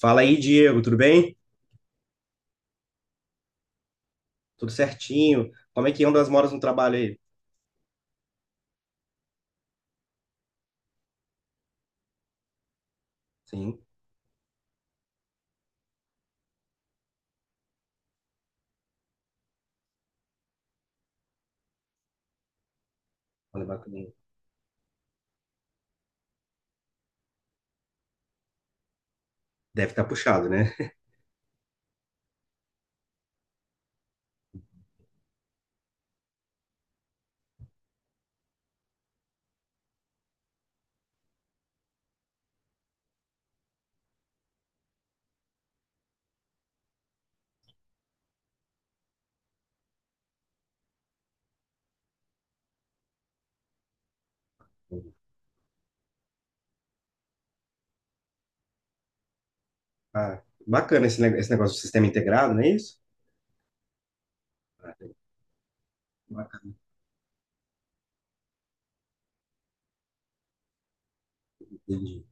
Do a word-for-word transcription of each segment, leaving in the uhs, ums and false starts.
Fala aí, Diego, tudo bem? Tudo certinho? Como é que andam as moras no trabalho aí? Sim, olha, bacana. Deve estar puxado, né? Ah, bacana esse, ne- esse negócio do sistema integrado, não é isso? Ah, bacana, entendi.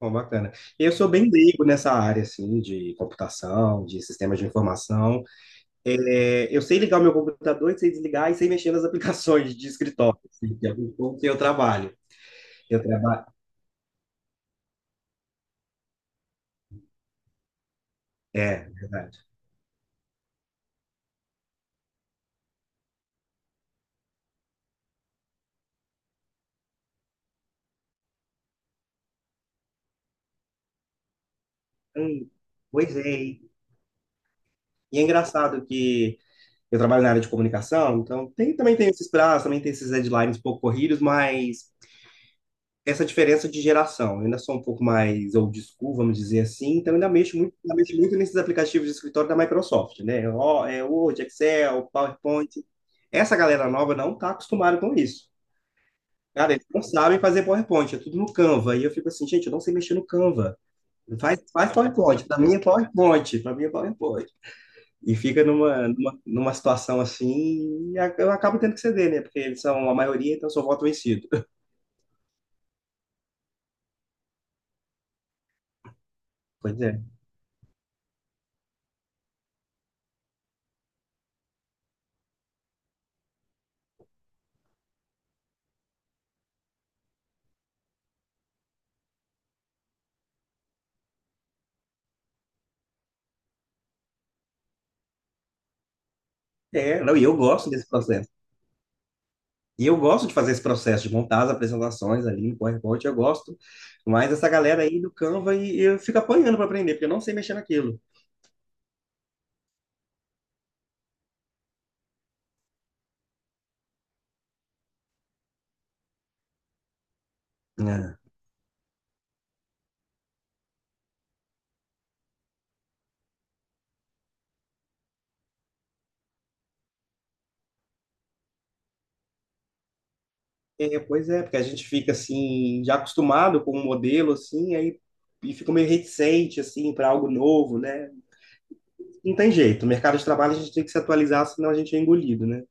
Bom, bacana. Eu sou bem leigo nessa área, assim, de computação, de sistemas de informação. É, eu sei ligar o meu computador e sei desligar e sei mexer nas aplicações de escritório, assim, que é um pouco que eu trabalho. Eu trabalho... É, verdade. Hum, pois é. E é engraçado que... Eu trabalho na área de comunicação, então tem, também tem esses prazos, também tem esses deadlines um pouco corridos, mas essa diferença de geração, eu ainda sou um pouco mais old school, vamos dizer assim, então ainda mexo muito, ainda mexo muito nesses aplicativos de escritório da Microsoft, né? Ó, é Word, Excel, PowerPoint. Essa galera nova não está acostumada com isso. Cara, eles não sabem fazer PowerPoint, é tudo no Canva. E eu fico assim, gente, eu não sei mexer no Canva. Faz, faz PowerPoint, para mim é PowerPoint, para mim é PowerPoint. E fica numa, numa, numa situação assim, e a- eu acabo tendo que ceder, né? Porque eles são a maioria, então eu sou voto vencido. Pois é. É, não, e eu gosto desse processo. E eu gosto de fazer esse processo, de montar as apresentações ali em PowerPoint, eu gosto. Mas essa galera aí do Canva, e eu fico apanhando para aprender, porque eu não sei mexer naquilo. Ah. É, pois é, porque a gente fica assim, já acostumado com um modelo assim, aí e fica meio reticente assim para algo novo, né? Não tem jeito, o mercado de trabalho a gente tem que se atualizar, senão a gente é engolido, né?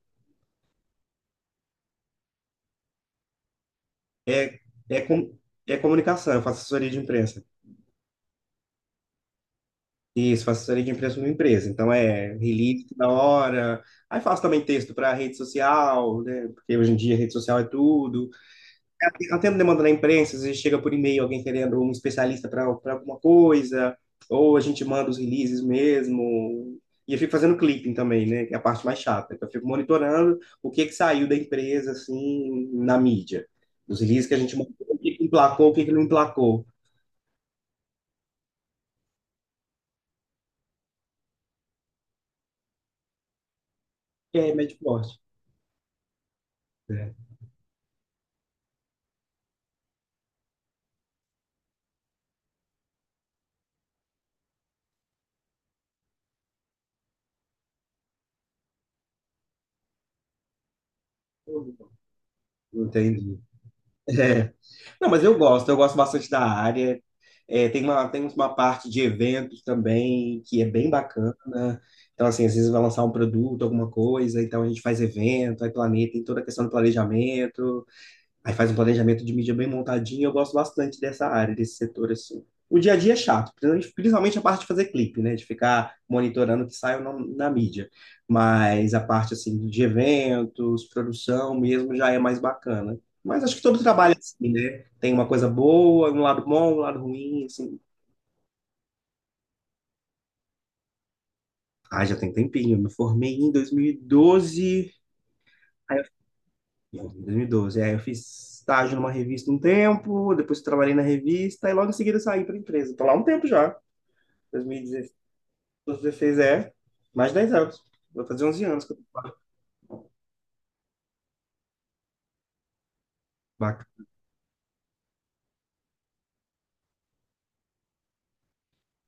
É, é, com, é comunicação, eu faço assessoria de imprensa. Isso, faço assessoria de imprensa numa empresa. Então é release na hora. Aí faço também texto para rede social, né? Porque hoje em dia rede social é tudo. Eu atendo demanda na imprensa, às vezes chega por e-mail alguém querendo um especialista para alguma coisa, ou a gente manda os releases mesmo. E eu fico fazendo clipping também, né? Que é a parte mais chata. Que eu fico monitorando o que que saiu da empresa, assim, na mídia. Os releases que a gente mandou, o que que emplacou, o que que não emplacou. É, médio porte. É. Entendi. É. Não, mas eu gosto, eu gosto bastante da área. É, tem uma, tem uma parte de eventos também que é bem bacana. Então, assim, às vezes vai lançar um produto, alguma coisa, então a gente faz evento, aí planeja, tem toda a questão do planejamento. Aí faz um planejamento de mídia bem montadinho, eu gosto bastante dessa área, desse setor, assim. O dia a dia é chato, principalmente principalmente a parte de fazer clipe, né? De ficar monitorando o que sai na, na mídia. Mas a parte, assim, de eventos, produção mesmo, já é mais bacana. Mas acho que todo trabalho é assim, né? Tem uma coisa boa, um lado bom, um lado ruim, assim. Ah, já tem tempinho, eu me formei em dois mil e doze. Em dois mil e doze. Aí eu fiz estágio numa revista um tempo, depois trabalhei na revista e logo em seguida saí para a empresa. Estou lá há um tempo já. dois mil e dezesseis, é mais de dez anos. Vou fazer onze anos. que eu- Baca-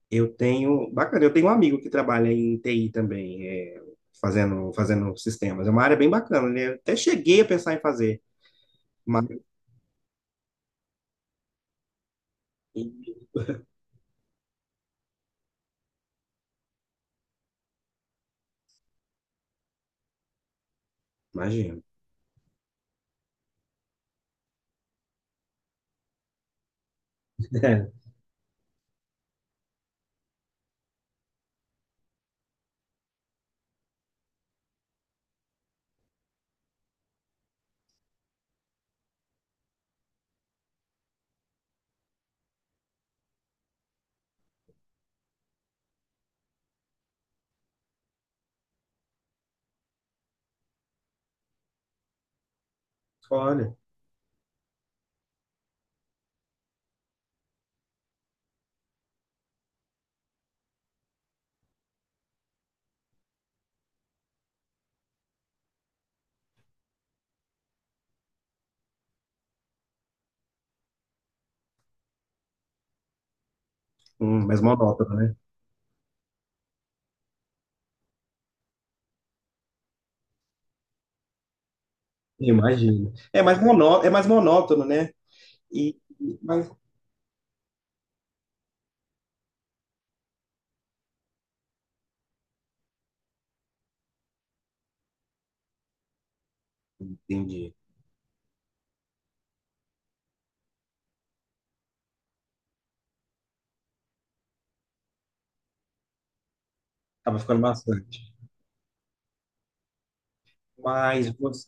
Eu tenho, bacana, eu tenho um amigo que trabalha em T I também, é, fazendo, fazendo sistemas. É uma área bem bacana, né? Eu até cheguei a pensar em fazer, mas imagino. É, olha, hum, mais monótono, né? Imagino. É mais monó, é mais monótono, né? E, mas, entendi. Tava ficando bastante. Mas você,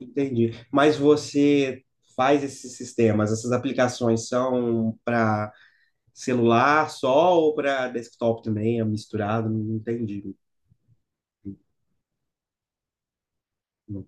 Entendi. Mas você faz esses sistemas, essas aplicações são para celular só ou para desktop também? É misturado? Não entendi. Não,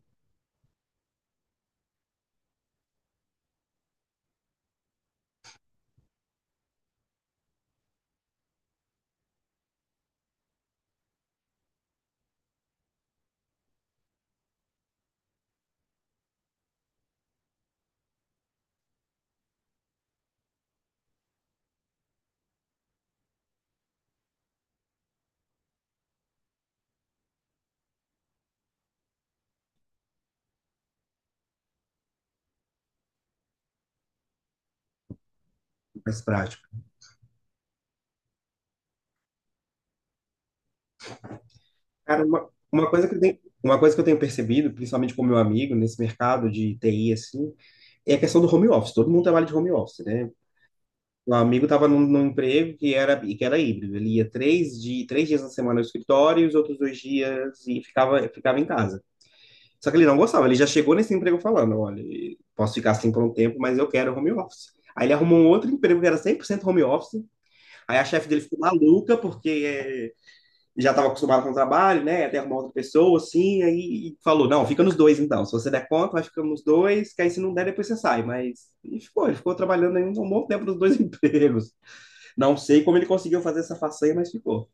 não prático. Cara, uma, uma coisa que eu tenho, uma coisa que eu tenho percebido, principalmente com meu amigo nesse mercado de T I assim, é a questão do home office. Todo mundo trabalha de home office, né? Um amigo estava num, num emprego que era que era híbrido. Ele ia três, de, três dias na semana no escritório e os outros dois dias e ficava ficava em casa. Só que ele não gostava, ele já chegou nesse emprego falando, olha, posso ficar assim por um tempo, mas eu quero home office. Aí ele arrumou um outro emprego que era cem por cento home office. Aí a chefe dele ficou maluca, porque eh, já estava acostumado com o trabalho, né? Até arrumar outra pessoa, assim. Aí e falou: não, fica nos dois então. Se você der conta, vai ficando nos dois, que aí se não der, depois você sai. Mas. E ficou, ele ficou trabalhando aí um bom tempo nos dois empregos. Não sei como ele conseguiu fazer essa façanha, mas ficou.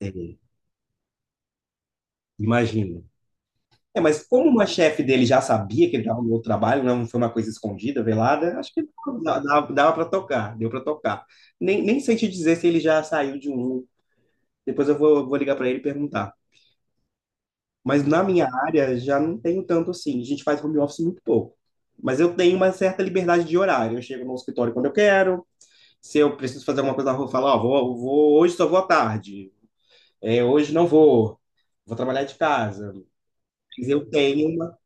Eh, Imagina. É, mas como uma chefe dele já sabia que ele estava no outro trabalho, não foi uma coisa escondida, velada, acho que dava, dava, dava para tocar, deu para tocar. Nem, nem sei te dizer se ele já saiu de um. Depois eu vou, vou ligar para ele e perguntar. Mas na minha área já não tenho tanto assim. A gente faz home office muito pouco. Mas eu tenho uma certa liberdade de horário. Eu chego no escritório quando eu quero. Se eu preciso fazer alguma coisa na rua, eu falo, ó, vou, vou- hoje só vou à tarde. É, hoje não vou. Vou trabalhar de casa. Mas eu tenho uma.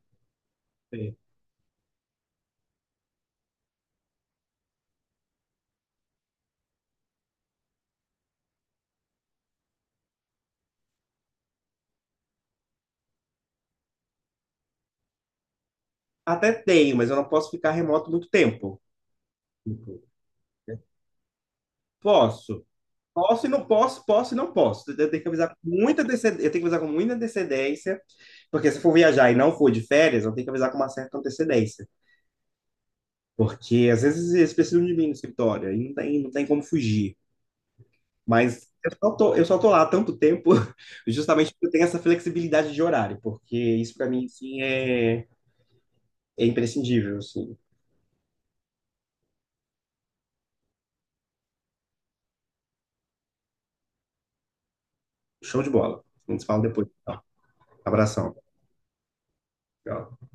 Até tenho, mas eu não posso ficar remoto muito tempo. Tipo, posso. Posso e não posso, posso e não posso. Eu tenho que avisar com muita antecedência, eu tenho que avisar com muita antecedência, porque se for viajar e não for de férias, eu tenho que avisar com uma certa antecedência, porque às vezes eles precisam de mim no escritório e não tem, não tem como fugir. Mas eu só tô, eu só tô lá há tanto tempo, justamente porque eu tenho essa flexibilidade de horário, porque isso para mim sim é, é imprescindível, assim. Show de bola. A gente se fala depois. Tá? Abração. Tchau.